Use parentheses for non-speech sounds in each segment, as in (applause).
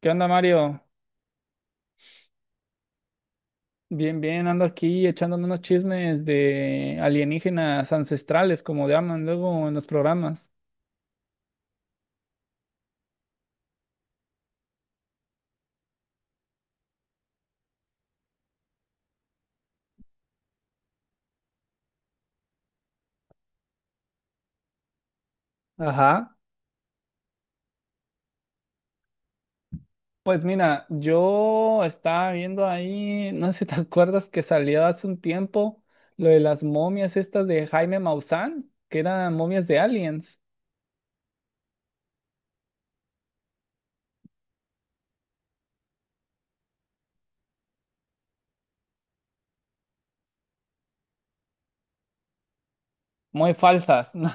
¿Qué onda, Mario? Bien, bien, ando aquí echándome unos chismes de alienígenas ancestrales, como llaman luego en los programas. Ajá. Pues mira, yo estaba viendo ahí, no sé si te (laughs) acuerdas que salió hace un tiempo lo de las momias estas de Jaime Maussan, que eran momias de aliens, muy falsas. (laughs) ¿No?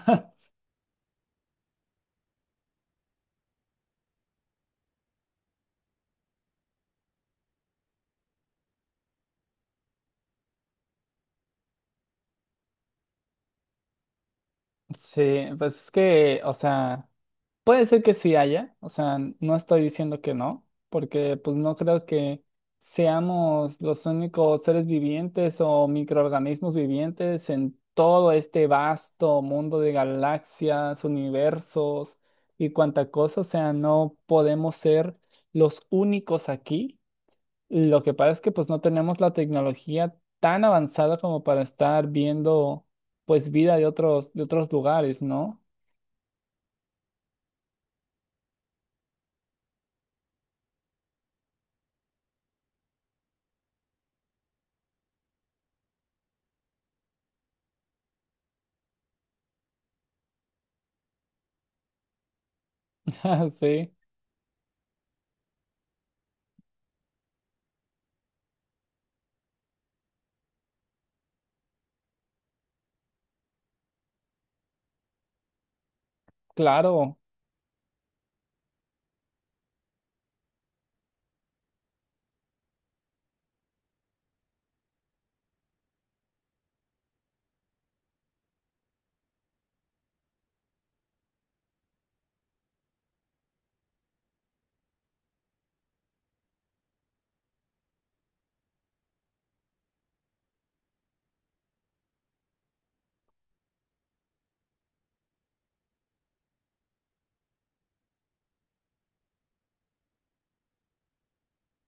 Sí, pues es que, o sea. Puede ser que sí haya, o sea, no estoy diciendo que no, porque pues no creo que seamos los únicos seres vivientes o microorganismos vivientes en todo este vasto mundo de galaxias, universos y cuanta cosa, o sea, no podemos ser los únicos aquí. Lo que pasa es que pues no tenemos la tecnología tan avanzada como para estar viendo pues vida de otros lugares, ¿no? (laughs) Sí, claro.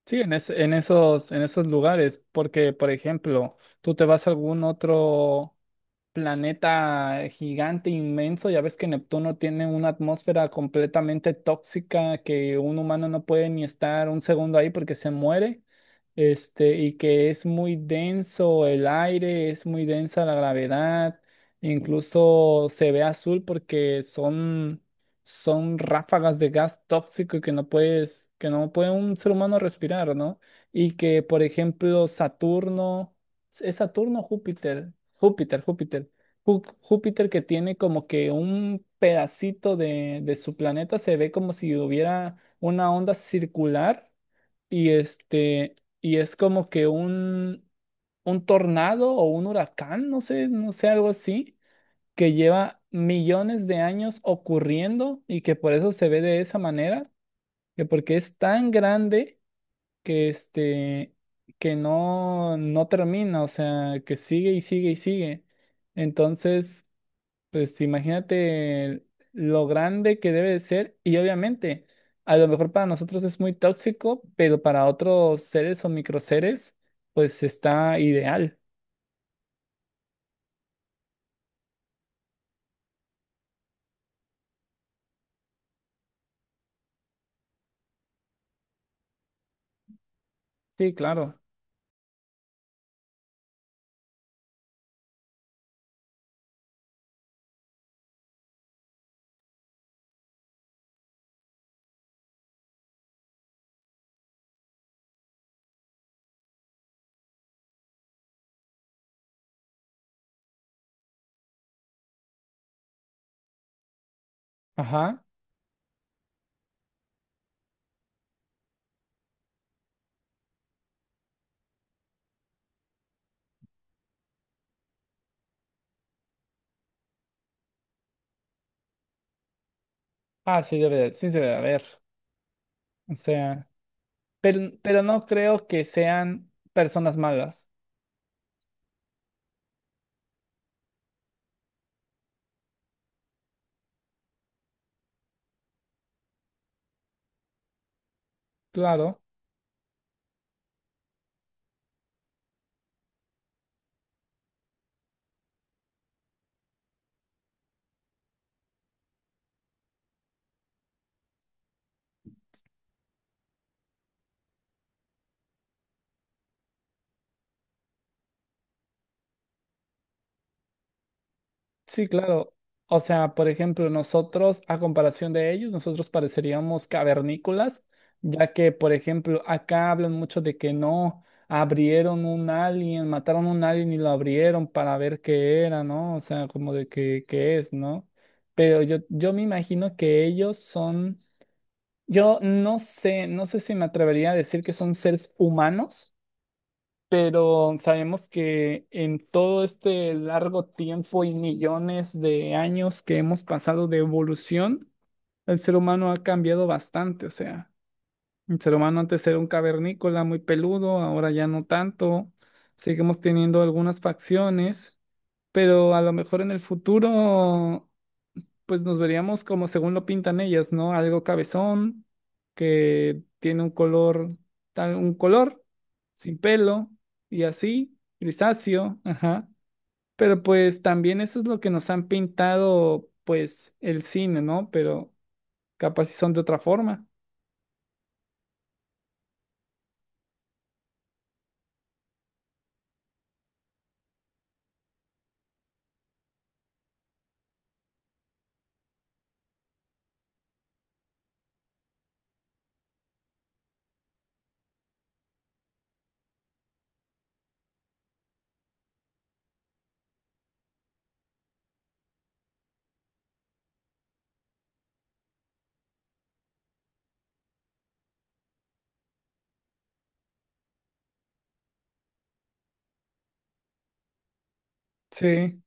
Sí, en esos lugares, porque, por ejemplo, tú te vas a algún otro planeta gigante, inmenso, ya ves que Neptuno tiene una atmósfera completamente tóxica que un humano no puede ni estar un segundo ahí porque se muere este, y que es muy denso el aire, es muy densa la gravedad, incluso se ve azul porque son, son ráfagas de gas tóxico que no puedes, que no puede un ser humano respirar, ¿no? Y que, por ejemplo, Saturno, ¿es Saturno o Júpiter? Júpiter, Júpiter. Júpiter que tiene como que un pedacito de su planeta, se ve como si hubiera una onda circular. Y este, y es como que un tornado o un huracán, no sé, no sé, algo así, que lleva millones de años ocurriendo y que por eso se ve de esa manera, que porque es tan grande que este, que no, no termina, o sea, que sigue y sigue y sigue. Entonces, pues imagínate lo grande que debe de ser y obviamente a lo mejor para nosotros es muy tóxico, pero para otros seres o microseres pues está ideal. Sí, claro. Ajá. Ah, sí debe de haber. O sea, pero no creo que sean personas malas. Claro. Sí, claro. O sea, por ejemplo, nosotros, a comparación de ellos, nosotros pareceríamos cavernícolas, ya que, por ejemplo, acá hablan mucho de que no abrieron un alien, mataron un alien y lo abrieron para ver qué era, ¿no? O sea, como de que, qué es, ¿no? Pero yo me imagino que ellos son, yo no sé, no sé si me atrevería a decir que son seres humanos, pero sabemos que en todo este largo tiempo y millones de años que hemos pasado de evolución, el ser humano ha cambiado bastante. O sea, el ser humano antes era un cavernícola muy peludo, ahora ya no tanto. Seguimos teniendo algunas facciones, pero a lo mejor en el futuro pues nos veríamos como según lo pintan ellas, ¿no? Algo cabezón, que tiene un color, tal, un color, sin pelo y así, grisáceo, ajá. Pero pues también eso es lo que nos han pintado, pues, el cine, ¿no? Pero capaz si son de otra forma. Sí,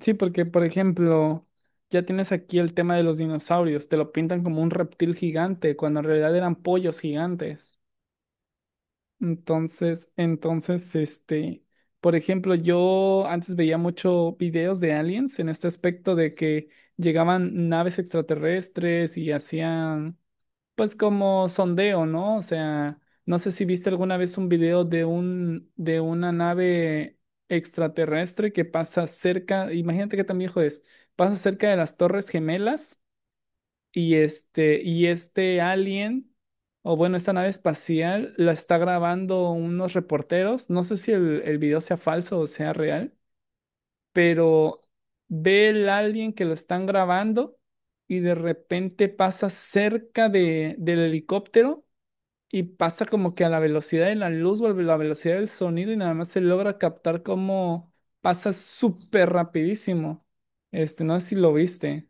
sí, porque por ejemplo, ya tienes aquí el tema de los dinosaurios, te lo pintan como un reptil gigante, cuando en realidad eran pollos gigantes. Entonces, este, por ejemplo, yo antes veía mucho videos de aliens en este aspecto de que llegaban naves extraterrestres y hacían, pues, como sondeo, ¿no? O sea, no sé si viste alguna vez un video de un, de una nave extraterrestre que pasa cerca, imagínate qué tan viejo es, pasa cerca de las Torres Gemelas y este alien, o bueno, esta nave espacial, la está grabando unos reporteros. No sé si el video sea falso o sea real, pero ve el alien que lo están grabando y de repente pasa cerca de, del helicóptero y pasa como que a la velocidad de la luz o a la velocidad del sonido y nada más se logra captar como pasa súper rapidísimo. Este, no sé si lo viste.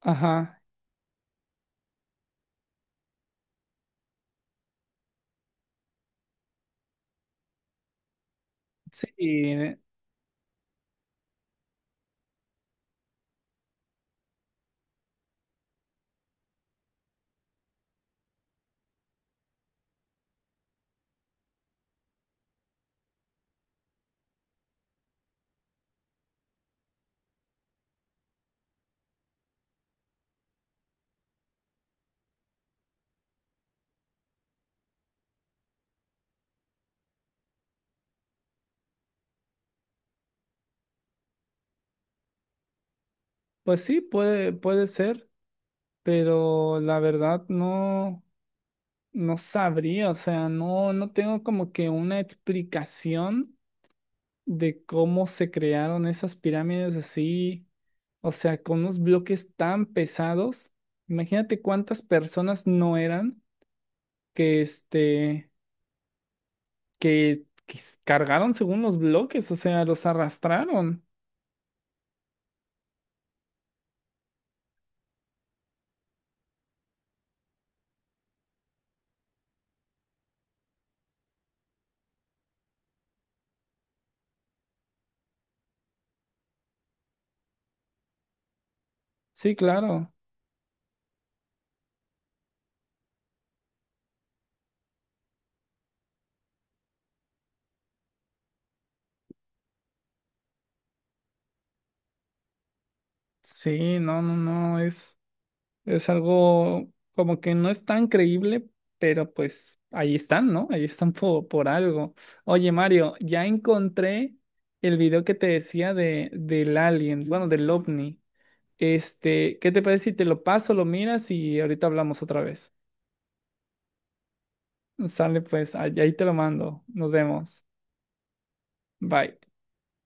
Ajá. Sí. Pues sí, puede, puede ser, pero la verdad no, no sabría, o sea, no, no tengo como que una explicación de cómo se crearon esas pirámides así, o sea, con unos bloques tan pesados. Imagínate cuántas personas no eran que este, que, cargaron según los bloques, o sea, los arrastraron. Sí, claro. Sí, no, no, no, es. Es algo como que no es tan creíble, pero pues ahí están, ¿no? Ahí están po- por, algo. Oye, Mario, ya encontré el video que te decía de, del alien, bueno, del ovni. Este, ¿qué te parece si te lo paso, lo miras y ahorita hablamos otra vez? Sale pues, ahí te lo mando. Nos vemos. Bye.